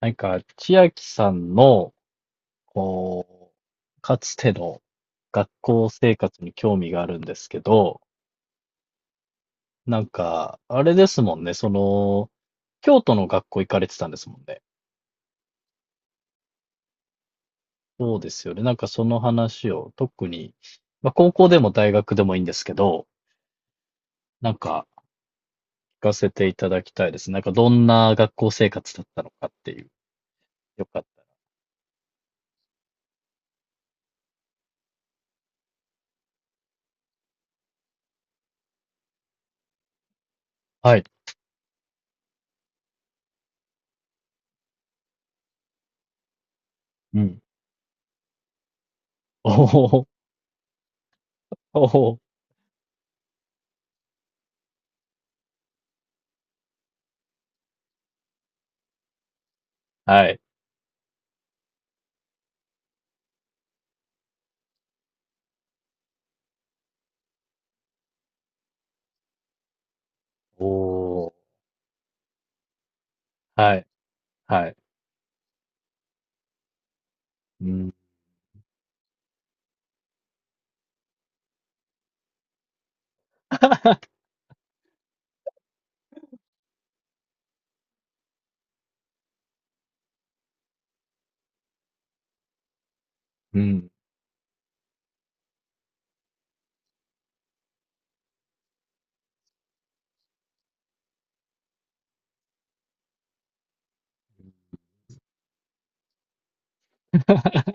なんか、千秋さんの、こう、かつての学校生活に興味があるんですけど、なんか、あれですもんね、その、京都の学校行かれてたんですもんね。そうですよね。なんかその話を特に、まあ、高校でも大学でもいいんですけど、なんか聞かせていただきたいです。なんかどんな学校生活だったのかっていう。よかったら。はい。うん。おお、おお、はい。おお、はい、はい。うんうん。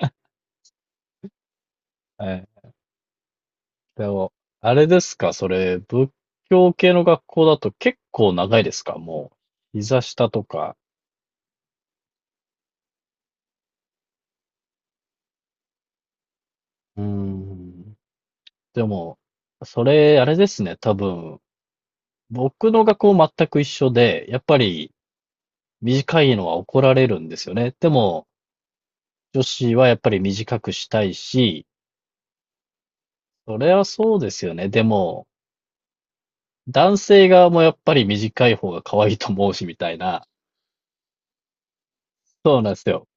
はい。でも、あれですか、それ、仏教系の学校だと結構長いですか、もう。膝下とか。うーん。でも、それ、あれですね、多分。僕の学校全く一緒で、やっぱり短いのは怒られるんですよね。でも、女子はやっぱり短くしたいし、それはそうですよね。でも、男性側もやっぱり短い方が可愛いと思うし、みたいな。そうなんですよ。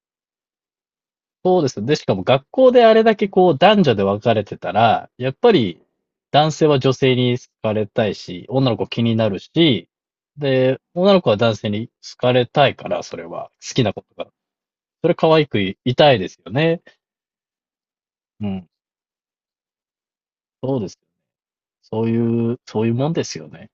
そうですね。で、しかも学校であれだけこう男女で分かれてたら、やっぱり男性は女性に好かれたいし、女の子気になるし、で、女の子は男性に好かれたいから、それは。好きなことが。それ可愛くいたいですよね。うん。そうです。そういう、そういうもんですよね。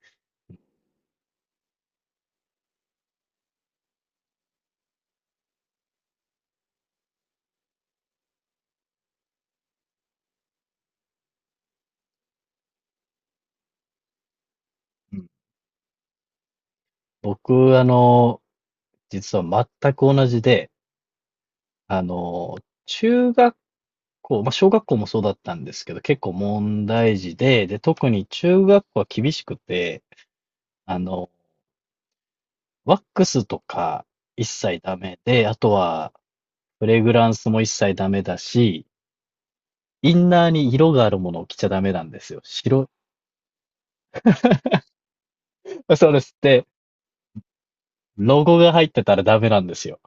うん。僕、あの、実は全く同じで、あの、中学こう、まあ、小学校もそうだったんですけど、結構問題児で、特に中学校は厳しくて、あの、ワックスとか一切ダメで、あとは、フレグランスも一切ダメだし、インナーに色があるものを着ちゃダメなんですよ。白い、そうです。で、ロゴが入ってたらダメなんですよ。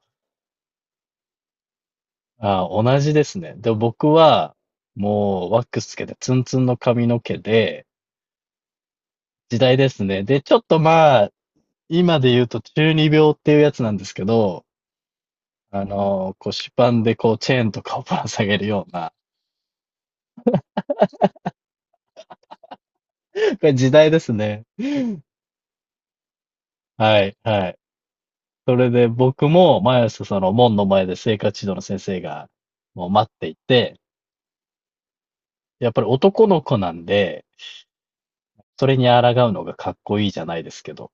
ああ、同じですね。で、僕は、もう、ワックスつけて、ツンツンの髪の毛で、時代ですね。で、ちょっとまあ、今で言うと中二病っていうやつなんですけど、あの、腰パンでこうチェーンとかをぶら下げるような、これ時代ですね。はい、はい。それで僕も毎朝その門の前で生活指導の先生がもう待っていて、やっぱり男の子なんで、それに抗うのがかっこいいじゃないですけど。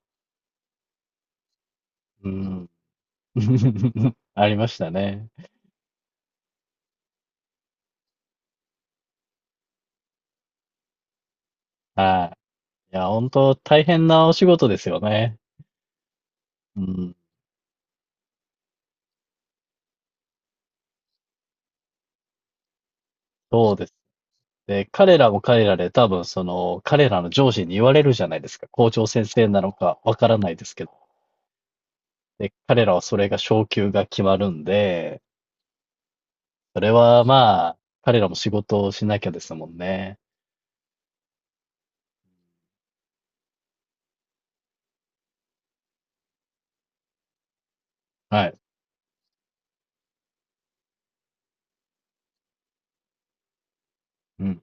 うん。ありましたね。はい。いや、本当大変なお仕事ですよね。うん。そうですね。で、彼らも彼らで多分その、彼らの上司に言われるじゃないですか。校長先生なのかわからないですけど。で、彼らはそれが昇給が決まるんで、それはまあ、彼らも仕事をしなきゃですもんね。はい。うん。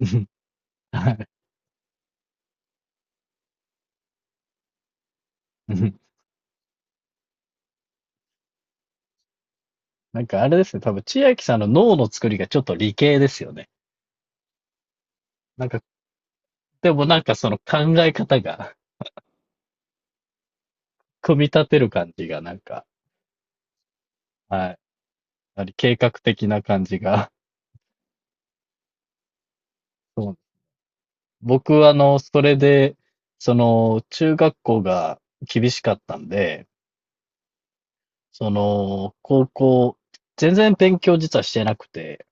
はい。うん。なんかあれですね、多分千秋さんの脳の作りがちょっと理系ですよね。なんか、でもなんかその考え方が組み立てる感じがなんか、はい。計画的な感じが、そう。僕、あの、それで、その、中学校が厳しかったんで、その、高校、全然勉強実はしてなくて、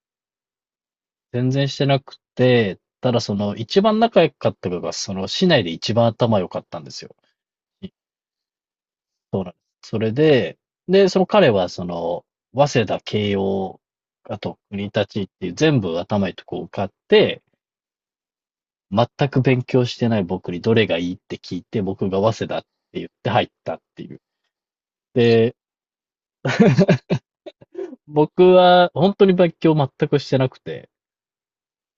全然してなくて、ただその、一番仲良かった子が、その、市内で一番頭良かったんですよ。いそうなんです。それで、その彼は、その、早稲田、慶応、あと、国立っていう全部頭いいとこ受かって、全く勉強してない僕にどれがいいって聞いて、僕が早稲田って言って入ったっていう。で、僕は本当に勉強全くしてなくて、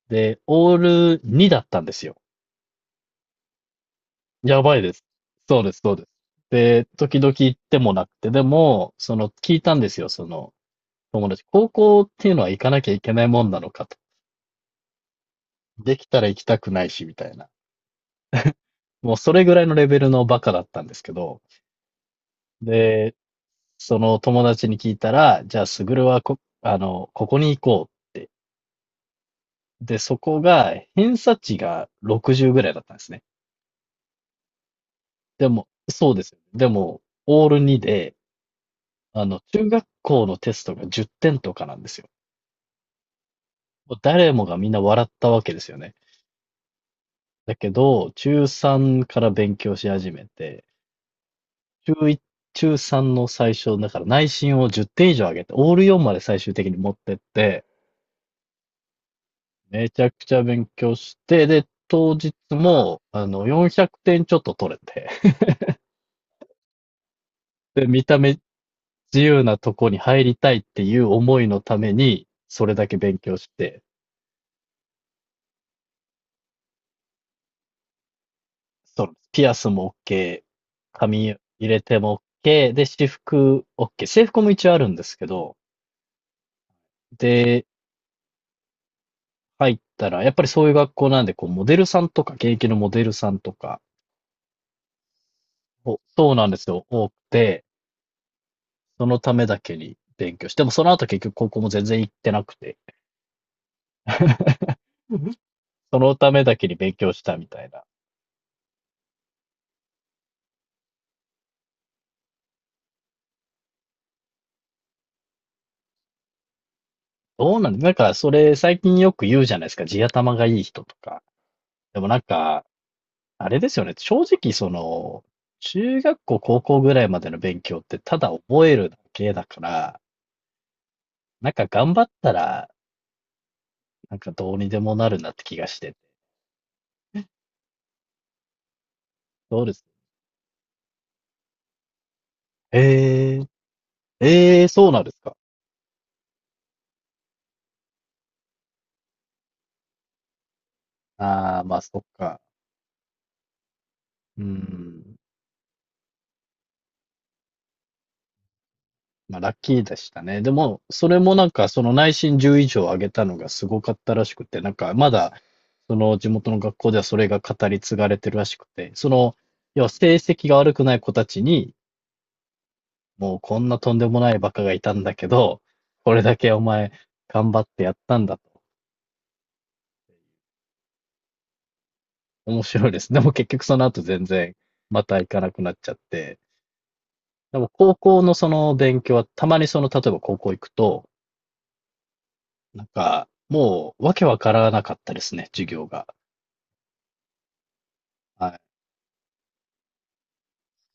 で、オール2だったんですよ。やばいです。そうです、そうです。で、時々行ってもなくて、でも、その、聞いたんですよ、その、友達。高校っていうのは行かなきゃいけないもんなのかと。できたら行きたくないし、みたいな。もうそれぐらいのレベルのバカだったんですけど、で、その友達に聞いたら、じゃあ、すぐるはこ、あの、ここに行こうって。で、そこが、偏差値が60ぐらいだったんですね。でも、そうですよね。でも、オール2で、あの、中学校のテストが10点とかなんですよ。もう誰もがみんな笑ったわけですよね。だけど、中3から勉強し始めて、中1、中3の最初、だから内申を10点以上上げて、オール4まで最終的に持ってって、めちゃくちゃ勉強して、で、当日も、あの、400点ちょっと取れて、で、見た目自由なとこに入りたいっていう思いのために、それだけ勉強して、そうなんです。ピアスも OK、髪入れても OK、で、私服 OK。制服も一応あるんですけど、で、入ったら、やっぱりそういう学校なんで、こう、モデルさんとか、現役のモデルさんとか、そうなんですよ、多くて、そのためだけに勉強して、でもその後結局高校も全然行ってなくて、そのためだけに勉強したみたいな。どうなんなんか、それ最近よく言うじゃないですか。地頭がいい人とか。でもなんか、あれですよね。正直、その、中学校、高校ぐらいまでの勉強ってただ覚えるだけだから、なんか頑張ったら、なんかどうにでもなるなって気がしてて。どうですえー、えー、そうなんですか。ああ、まあそっか。うん。まあラッキーでしたね。でも、それもなんかその内申10以上上げたのがすごかったらしくて、なんかまだ、その地元の学校ではそれが語り継がれてるらしくて、その、要は成績が悪くない子たちに、もうこんなとんでもないバカがいたんだけど、これだけお前頑張ってやったんだと。面白いです。でも結局その後全然また行かなくなっちゃって。でも高校のその勉強はたまにその例えば高校行くと、なんかもうわけわからなかったですね、授業が。はい。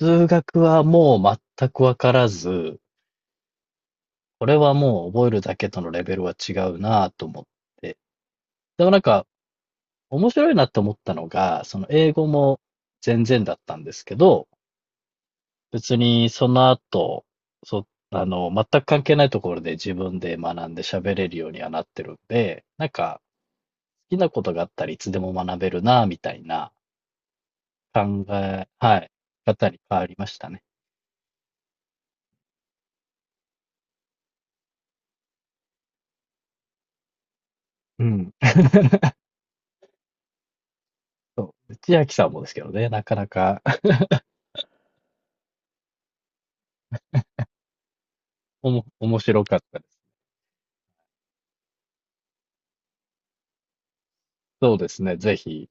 数学はもう全くわからず、これはもう覚えるだけとのレベルは違うなぁと思って。でもなんか面白いなと思ったのが、その英語も全然だったんですけど、別にその後、そ、あの、全く関係ないところで自分で学んで喋れるようにはなってるんで、なんか好きなことがあったらいつでも学べるな、みたいな考え、はい、方に変わりましたね。うん。千秋さんもですけどね、なかなか 面白かったです。そうですね、ぜひ。